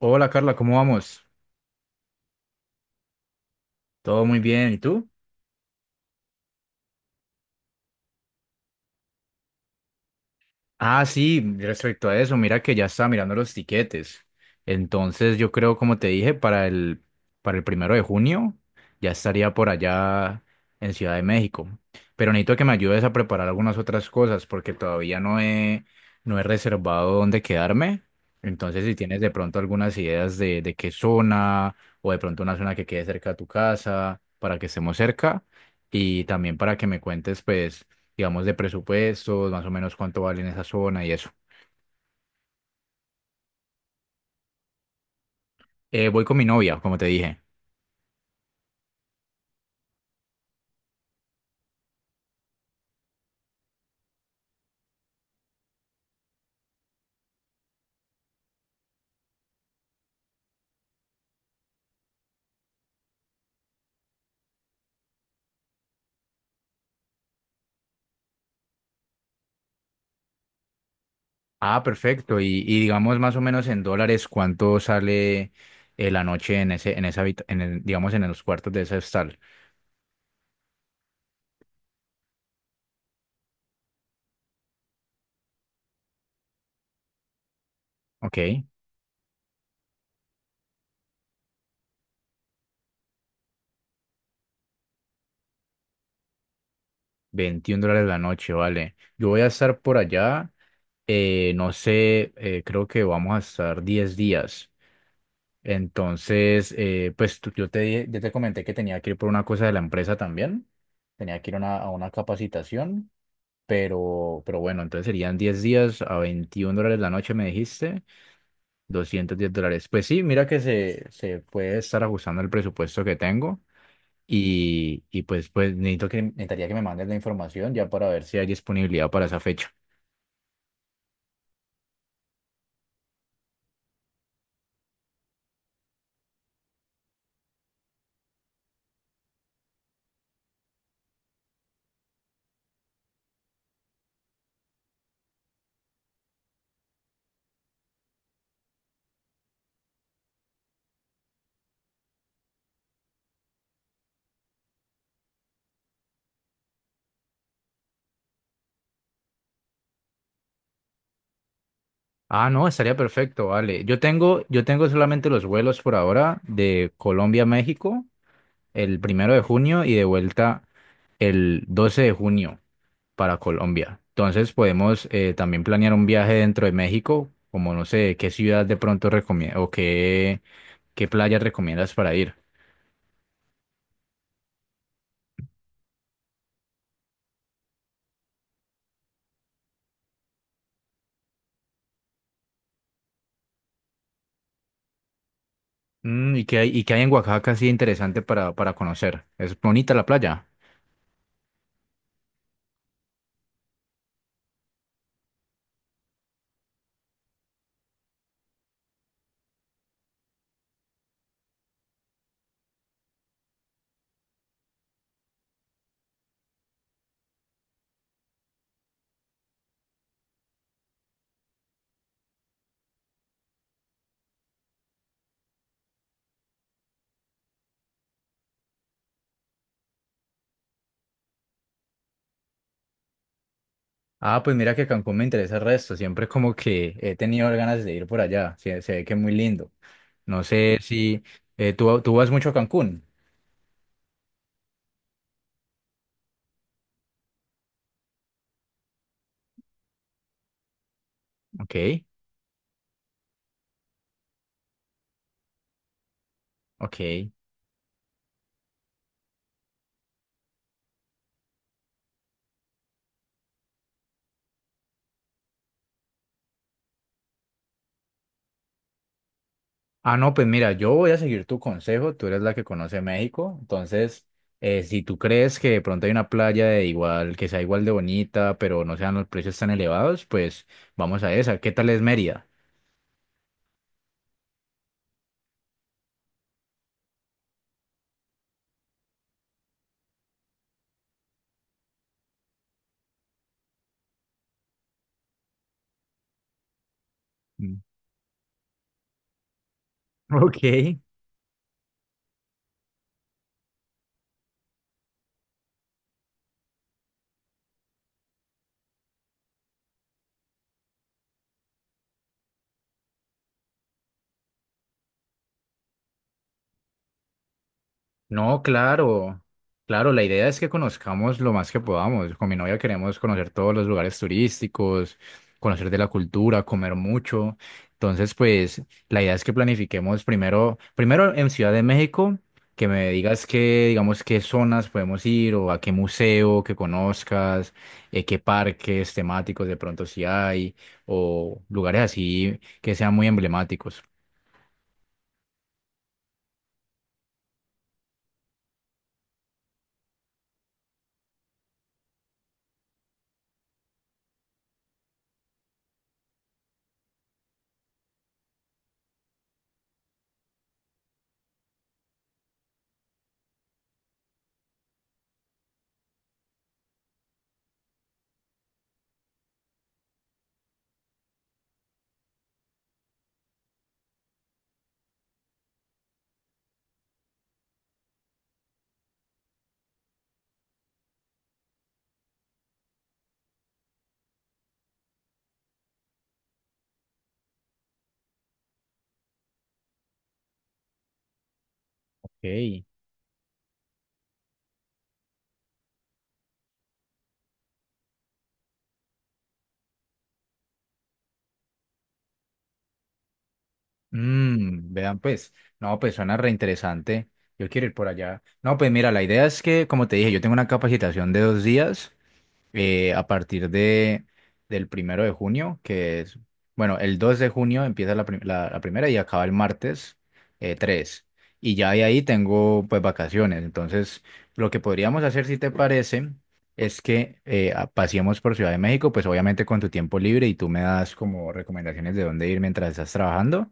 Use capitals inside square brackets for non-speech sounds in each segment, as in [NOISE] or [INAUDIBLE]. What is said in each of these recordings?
Hola Carla, ¿cómo vamos? Todo muy bien, ¿y tú? Ah, sí, respecto a eso, mira que ya estaba mirando los tiquetes. Entonces, yo creo, como te dije, para el 1 de junio ya estaría por allá en Ciudad de México. Pero necesito que me ayudes a preparar algunas otras cosas porque todavía no he reservado dónde quedarme. Entonces, si tienes de pronto algunas ideas de qué zona o de pronto una zona que quede cerca de tu casa para que estemos cerca. Y también para que me cuentes, pues, digamos, de presupuestos, más o menos cuánto vale en esa zona y eso. Voy con mi novia, como te dije. Ah, perfecto. Y digamos, más o menos en dólares, ¿cuánto sale la noche en ese, en esa habita- en el- digamos, en los cuartos de ese hostal? Ok, US$21 la noche, vale. Yo voy a estar por allá, no sé, creo que vamos a estar 10 días. Entonces, pues yo te comenté que tenía que ir por una cosa de la empresa también. Tenía que ir a una capacitación. Pero bueno, entonces serían 10 días a US$21 la noche, me dijiste, US$210. Pues sí, mira que se puede estar ajustando el presupuesto que tengo y pues necesitaría que me mandes la información ya para ver si hay disponibilidad para esa fecha. Ah, no, estaría perfecto, vale. Yo tengo solamente los vuelos por ahora de Colombia a México el 1 de junio y de vuelta el 12 de junio para Colombia. Entonces podemos también planear un viaje dentro de México, como no sé, qué ciudad de pronto recomiendas o qué playas recomiendas para ir. Mm, ¿y qué hay en Oaxaca así interesante para conocer? ¿Es bonita la playa? Ah, pues mira que Cancún me interesa el resto, siempre como que he tenido ganas de ir por allá, se ve que es muy lindo. No sé si tú vas mucho a Cancún. Ok, ok. Ah, no, pues mira, yo voy a seguir tu consejo, tú eres la que conoce México, entonces, si tú crees que de pronto hay una playa de igual, que sea igual de bonita, pero no sean los precios tan elevados, pues vamos a esa. ¿Qué tal es Mérida? [LAUGHS] Mm. Ok. No, claro, claro, la idea es que conozcamos lo más que podamos. Con mi novia queremos conocer todos los lugares turísticos, conocer de la cultura, comer mucho. Entonces, pues, la idea es que planifiquemos primero, primero en Ciudad de México, que me digas qué, digamos, qué zonas podemos ir o a qué museo que conozcas, qué parques temáticos de pronto si hay, o lugares así que sean muy emblemáticos. Ok. Mm, vean pues, no, pues suena reinteresante. Yo quiero ir por allá. No, pues mira, la idea es que, como te dije, yo tengo una capacitación de 2 días a partir del 1 de junio, que es, bueno, el 2 de junio empieza la primera y acaba el martes 3. Y ya de ahí tengo pues vacaciones. Entonces, lo que podríamos hacer, si te parece, es que paseemos por Ciudad de México, pues obviamente con tu tiempo libre y tú me das como recomendaciones de dónde ir mientras estás trabajando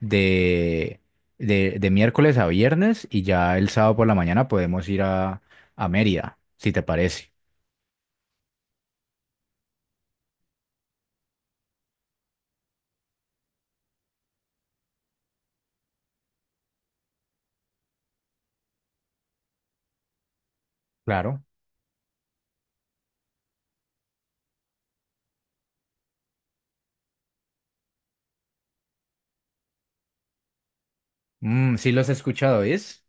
de, de miércoles a viernes y ya el sábado por la mañana podemos ir a Mérida, si te parece. Claro. Mm, sí los he escuchado, ¿es?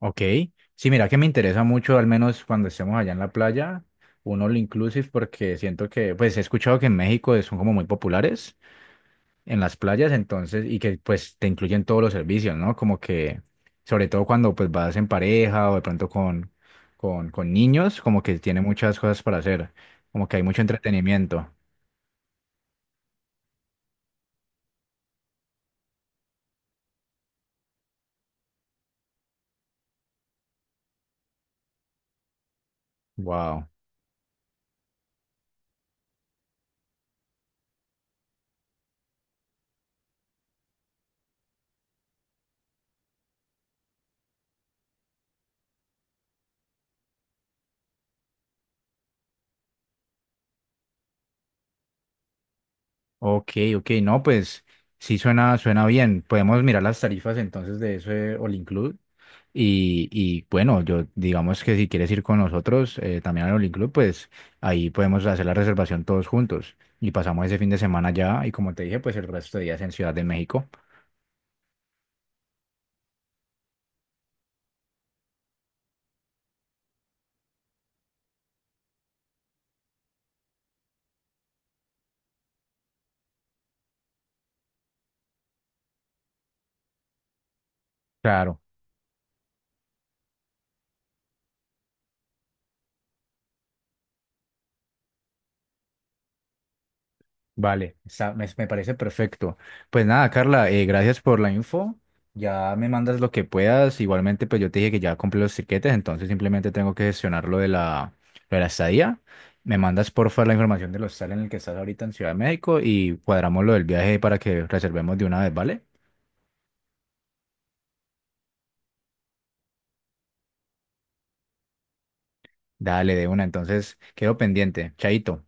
Ok. Sí, mira que me interesa mucho, al menos cuando estemos allá en la playa, un all inclusive, porque siento que, pues he escuchado que en México son como muy populares en las playas, entonces, y que pues te incluyen todos los servicios, ¿no? Como que, sobre todo cuando pues vas en pareja o de pronto con, con niños, como que tiene muchas cosas para hacer, como que hay mucho entretenimiento. Wow. Ok, ok, no, pues sí suena, bien. Podemos mirar las tarifas entonces de ese All Include. Y, bueno, yo digamos que si quieres ir con nosotros también al All Club, pues ahí podemos hacer la reservación todos juntos. Y pasamos ese fin de semana ya y como te dije, pues el resto de días en Ciudad de México. Claro. Vale, me parece perfecto. Pues nada, Carla, gracias por la info. Ya me mandas lo que puedas. Igualmente, pues yo te dije que ya compré los tiquetes, entonces simplemente tengo que gestionar lo de la estadía. Me mandas porfa la información del hostal en el que estás ahorita en Ciudad de México y cuadramos lo del viaje para que reservemos de una vez, ¿vale? Dale, de una. Entonces, quedo pendiente. Chaito.